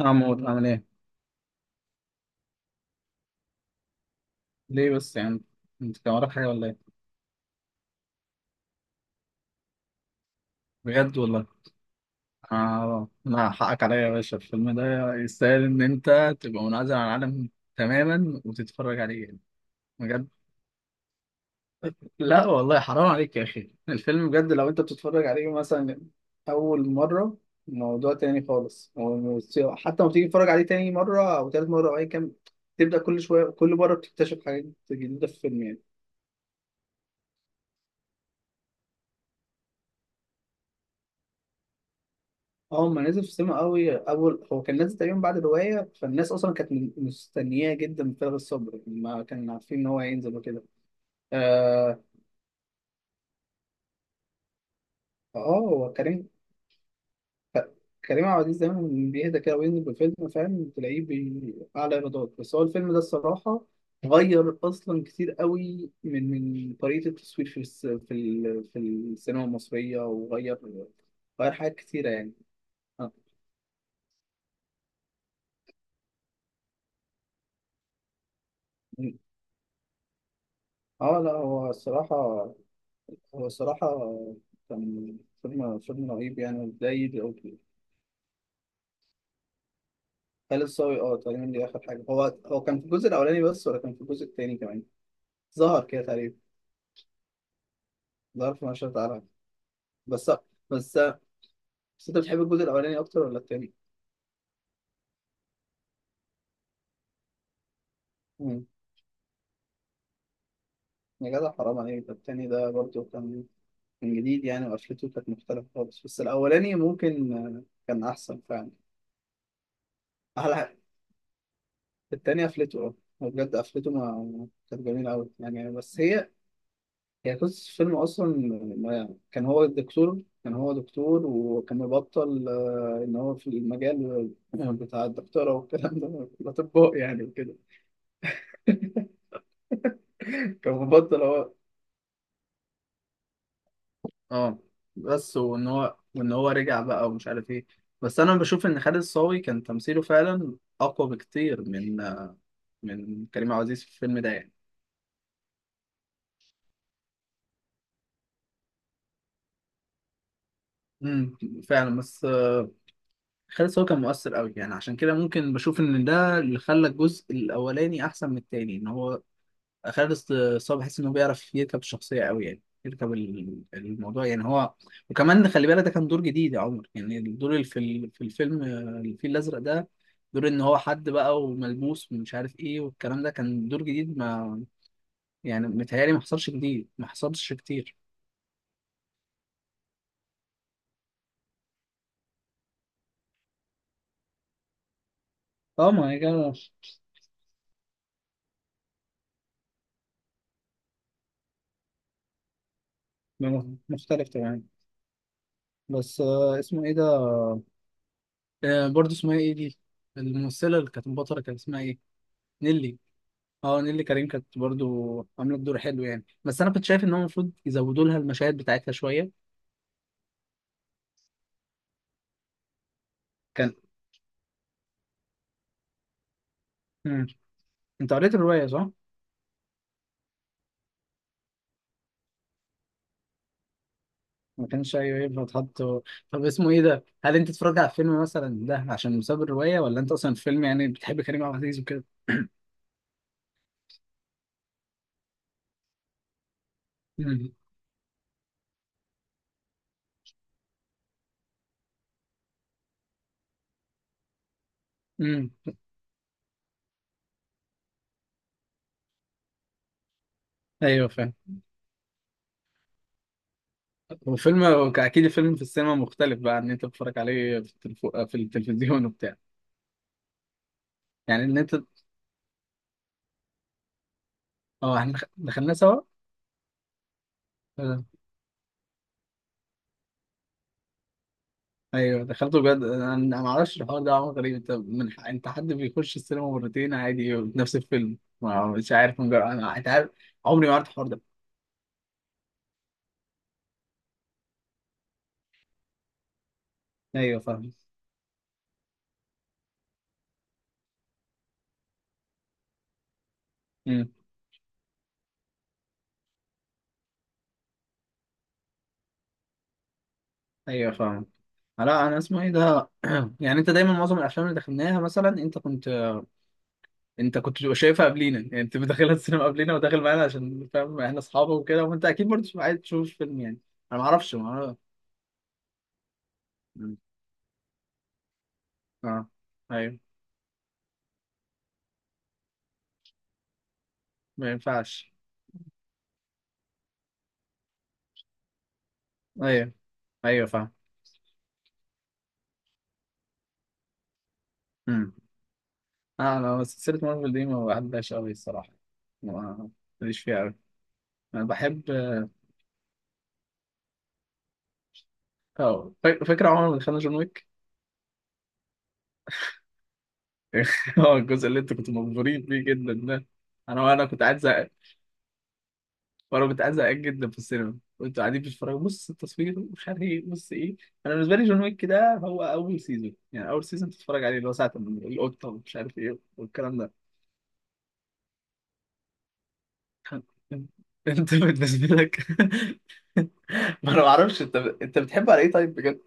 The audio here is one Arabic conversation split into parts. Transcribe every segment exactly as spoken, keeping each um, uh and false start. عمود عامل ايه؟ ليه بس يعني؟ انت كان وراك حاجة ولا ايه؟ بجد والله؟ اه، لا، حقك عليا يا باشا، الفيلم ده يستاهل ان انت تبقى منعزل عن العالم تماما وتتفرج عليه يعني. بجد. لا والله، حرام عليك يا اخي، الفيلم بجد لو انت بتتفرج عليه مثلا اول مرة موضوع تاني خالص، و- حتى لما تيجي تتفرج عليه تاني مرة او تالت مرة او اي كام تبدأ كل شوية، كل مرة بتكتشف حاجات جديدة في الفيلم يعني. اه، هما نزل في السينما قوي اول، هو كان نازل تقريبا بعد الروايه، فالناس اصلا كانت من- مستنياه جدا بفارغ الصبر، ما كانوا عارفين ان هو هينزل وكده. اه. آه، هو كريم. كريم عبد العزيز دايما بيهدى كده وينزل بالفيلم فاهم، تلاقيه بي- اعلى ايرادات. بس هو الفيلم ده الصراحه غير اصلا كتير قوي من من طريقه التصوير في الس... في ال... في السينما المصريه، وغير غير حاجات كتيره يعني. اه. آه، لا، هو الصراحه، هو الصراحة كان فيلم فيلم رهيب يعني، زي أو خالد صاوي. اه، تقريبا دي آخر حاجة. هو هو كان في الجزء الأولاني بس ولا كان في الجزء التاني كمان؟ ظهر كده تقريبا، ظهر في مشهد تعالى بس. بس بس أنت بتحب الجزء الأولاني أكتر ولا التاني؟ مم. يا جدع، حرام عليك، ده التاني ده برضه كان كان جديد يعني، وقفلته كانت مختلفة خالص. بس الأولاني ممكن آه، كان أحسن فعلا. أحلى حاجة التاني قفلته، اه. هو بجد قفلته ما كانت جميلة أوي يعني. بس هي هي قصة الفيلم أصلا. ما- كان هو دكتور، كان هو دكتور وكان مبطل، آه، إن هو في المجال بتاع الدكتورة والكلام ده، الأطباء يعني وكده. كان مبطل هو. اه. بس وإن هو وإن هو رجع بقى، ومش عارف إيه. بس أنا بشوف إن خالد الصاوي كان تمثيله فعلا أقوى بكتير من آه، من كريم عبد العزيز في الفيلم ده يعني. امم. فعلا بس آه، خالد هو كان مؤثر قوي يعني. عشان كده ممكن بشوف ان ده اللي خلى الجزء الاولاني احسن من التاني، ان هو خالد الصاوي بحس انه بيعرف يركب الشخصيه قوي يعني، يركب ال- الموضوع يعني هو. وكمان خلي بالك ده كان دور جديد يا عمر يعني. الدور اللي في ال- في الفيلم آه، الفيل الازرق ده، دور ان هو حد بقى وملموس ومش عارف ايه والكلام ده، كان دور جديد ما يعني. متهيألي ما حصلش جديد، ما حصلش كتير. اه. ما هي جا- مختلف تماما. بس آه، اسمه ايه ده، آه، برضو اسمها ايه دي، الممثلة اللي كانت بطلة كان اسمها ايه؟ نيلي. اه، نيلي كريم كانت برضو عملت دور حلو يعني، بس انا كنت شايف ان هو المفروض يزودوا لها المشاهد بتاعتها شوية. كان. مم. انت قريت الرواية صح؟ ما كانش، ايوه، ينفع تحط. طب اسمه ايه ده؟ هل انت اتفرجت على الفيلم مثلا ده عشان بسبب الرواية، ولا انت اصلا الفيلم يعني بتحب كريم عبد العزيز وكده؟ مم. مم. ايوه، فاهم. وفيلم، اكيد الفيلم في السينما مختلف بقى عن ان انت بتتفرج عليه في التلفو... في التلفزيون وبتاع. يعني ان انت. اه. احنا دخلنا سوا. آه، ايوه، دخلته بجد، انا أنا ما اعرفش الحوار ده، عمل غريب. انت من ح... انت حد بيخش السينما مرتين عادي نفس الفيلم؟ ما مش عارف من جر... انا، انت عارف عمري ما عرفت الحوار ده. ايوه، فاهم. امم. ايوه، فاهم. لا، انا اسمه ايه ده، يعني انت دايما معظم الافلام اللي دخلناها مثلا انت كنت انت كنت بتبقى شايفها قبلينا. يعني انت داخلها السينما قبلينا وداخل معانا عشان فاهم احنا اصحابه وكده، وانت اكيد برضه تبقى عايز تشوف فيلم يعني. انا ما اعرفش، ما أعرف- مم. اه. ايوه، ما ينفعش. ايوه، ايوه، فاهم. مم. اه، انا سلسلة مارفل دي ما بعدهاش قوي الصراحة. ما ماليش فيها قوي. انا بحب. اه، فا- فاكر عمر اللي خلى جون ويك. هو الجزء اللي انت كنت مبهورين بيه جدا ده، انا وانا كنت قاعد زهقان. وانا كنت قاعد زهقان جدا في السينما، وانتوا قاعدين بتتفرجوا، بص التصوير مش عارف ايه، بص ايه. انا بالنسبه لي جون ويك ده هو اول سيزون يعني، اول سيزون تتفرج عليه اللي هو ساعه ما القطه ومش عارف ايه والكلام ده. انت بالنسبه لك ما انا ما اعرفش، انت انت بتحب على ايه طيب بجد؟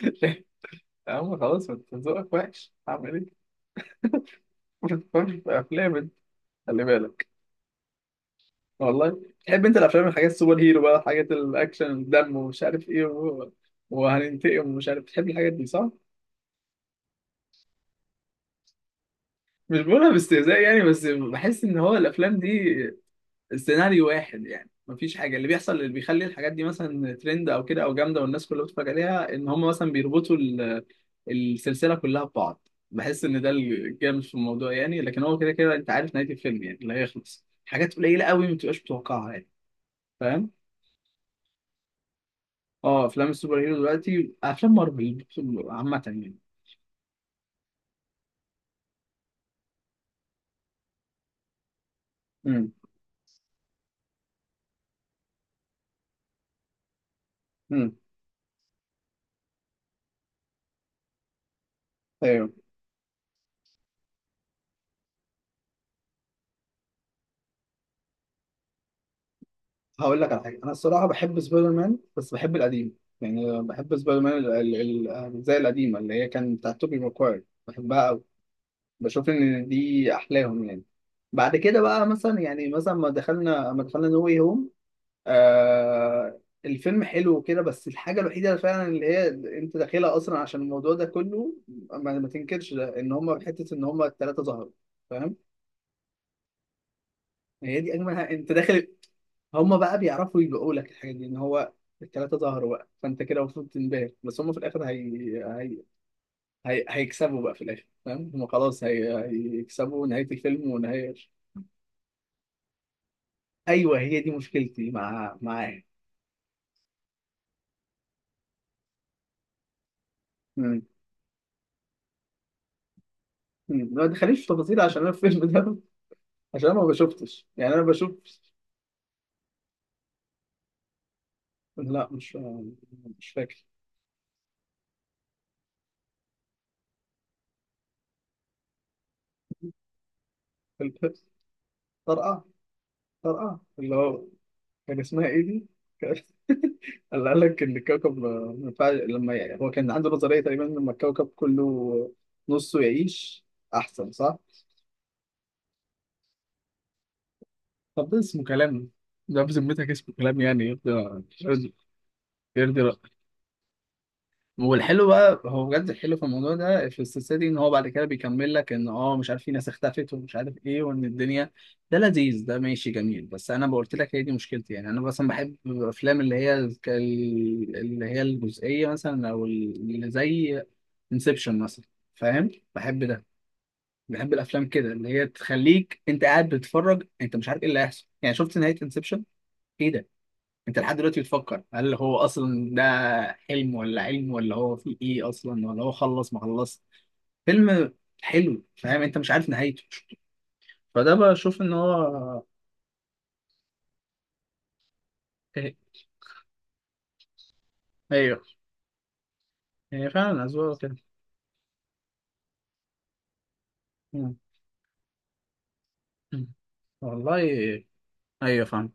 يا عم خلاص، ما انت ذوقك وحش، هعمل ايه؟ ما تفهمش في افلام انت، خلي بالك. والله تحب انت الافلام، الحاجات السوبر هيرو بقى، حاجات الاكشن، الدم ومش عارف ايه، و... وهننتقم ومش عارف، تحب الحاجات دي صح. مش بقولها باستهزاء يعني، بس بحس ان هو الافلام دي سيناريو واحد يعني، مفيش حاجه اللي بيحصل اللي بيخلي الحاجات دي مثلا ترند او كده او جامده والناس كلها بتتفرج عليها، ان هم مثلا بيربطوا ال- السلسله كلها ببعض، بحس ان ده الجامد في الموضوع يعني. لكن هو كده كده انت عارف نهايه الفيلم يعني، اللي هيخلص. حاجات قليله قوي ما بتبقاش متوقعها يعني. فاهم. اه، افلام السوبر هيرو دلوقتي، افلام مارفل عامه يعني. امم. امم. هقول لك على حاجه، انا الصراحه بحب سبايدر مان، بس بحب القديم يعني. بحب سبايدر مان ال- ال- ال- زي القديمه اللي هي كانت بتاعت توبي ماكواير، بحبها قوي. بشوف ان دي احلاهم يعني. بعد كده بقى مثلا يعني مثلا ما دخلنا ما دخلنا نو واي هوم. آه، الفيلم حلو وكده، بس الحاجه الوحيده فعلا اللي هي انت داخلها اصلا عشان الموضوع ده كله، ما, ما تنكرش ده، ان هم حته ان هم الثلاثه ظهروا. فاهم. هي دي اجمل حاجة. انت داخل، هم بقى بيعرفوا يبيعوا لك الحاجه دي. ان هو الثلاثه ظهروا بقى فانت كده المفروض تنبهر. بس هم في الاخر هي... هي... هي... هيكسبوا بقى في الاخر فاهم. هم خلاص هي... هيكسبوا نهايه الفيلم ونهايه. ايوه هي دي مشكلتي مع معاه. مم. مم. ما تخليش في تفاصيل عشان انا الفيلم ده، عشان انا ما بشوفتش يعني، انا بشوف. لا، مش مش فاكر. طرقع. طرقع اللي هو، كان اسمها ايه دي؟ كان- اللي قال لك ان الكوكب، آه، ما ينفعش لما يعني هو كان عنده نظريه تقريبا لما الكوكب كله نصه يعيش احسن صح؟ طب ده اسمه كلام؟ ده بذمتك اسمه كلام يعني؟ يرضي، يرضي. والحلو بقى هو بجد الحلو في الموضوع ده، في السلسله دي، ان هو بعد كده بيكمل لك ان اه مش عارف في ناس اختفت ومش عارف ايه، وان الدنيا. ده لذيذ، ده ماشي جميل. بس انا قلت لك، هي دي مشكلتي يعني. انا مثلا بحب الافلام اللي هي الك- اللي هي الجزئيه مثلا، او اللي زي انسبشن مثلا. فاهم؟ بحب ده. بحب الافلام كده اللي هي تخليك انت قاعد بتتفرج انت مش عارف ايه اللي هيحصل يعني. شفت نهايه انسبشن؟ ايه ده. انت لحد دلوقتي بتفكر هل هو اصلا ده حلم ولا علم ولا هو في ايه اصلا ولا هو خلص ما خلص. فيلم حلو فاهم، انت مش عارف نهايته. فده بشوف ان هو إيه- ايوه، هي فعلا اذواق كده. مم. مم. والله. ايوه، فاهم.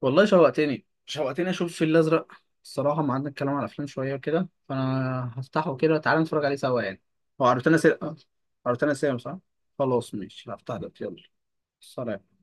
والله، شوقتني، شوقتني اشوف الفيل الازرق. الصراحه ما عندنا الكلام على الافلام شويه وكده، فانا هفتحه كده. تعالى نتفرج عليه سوا يعني. هو عروتنا سينما؟ عروتنا سينما صح. خلاص ماشي، هفتح ده يلا. سلام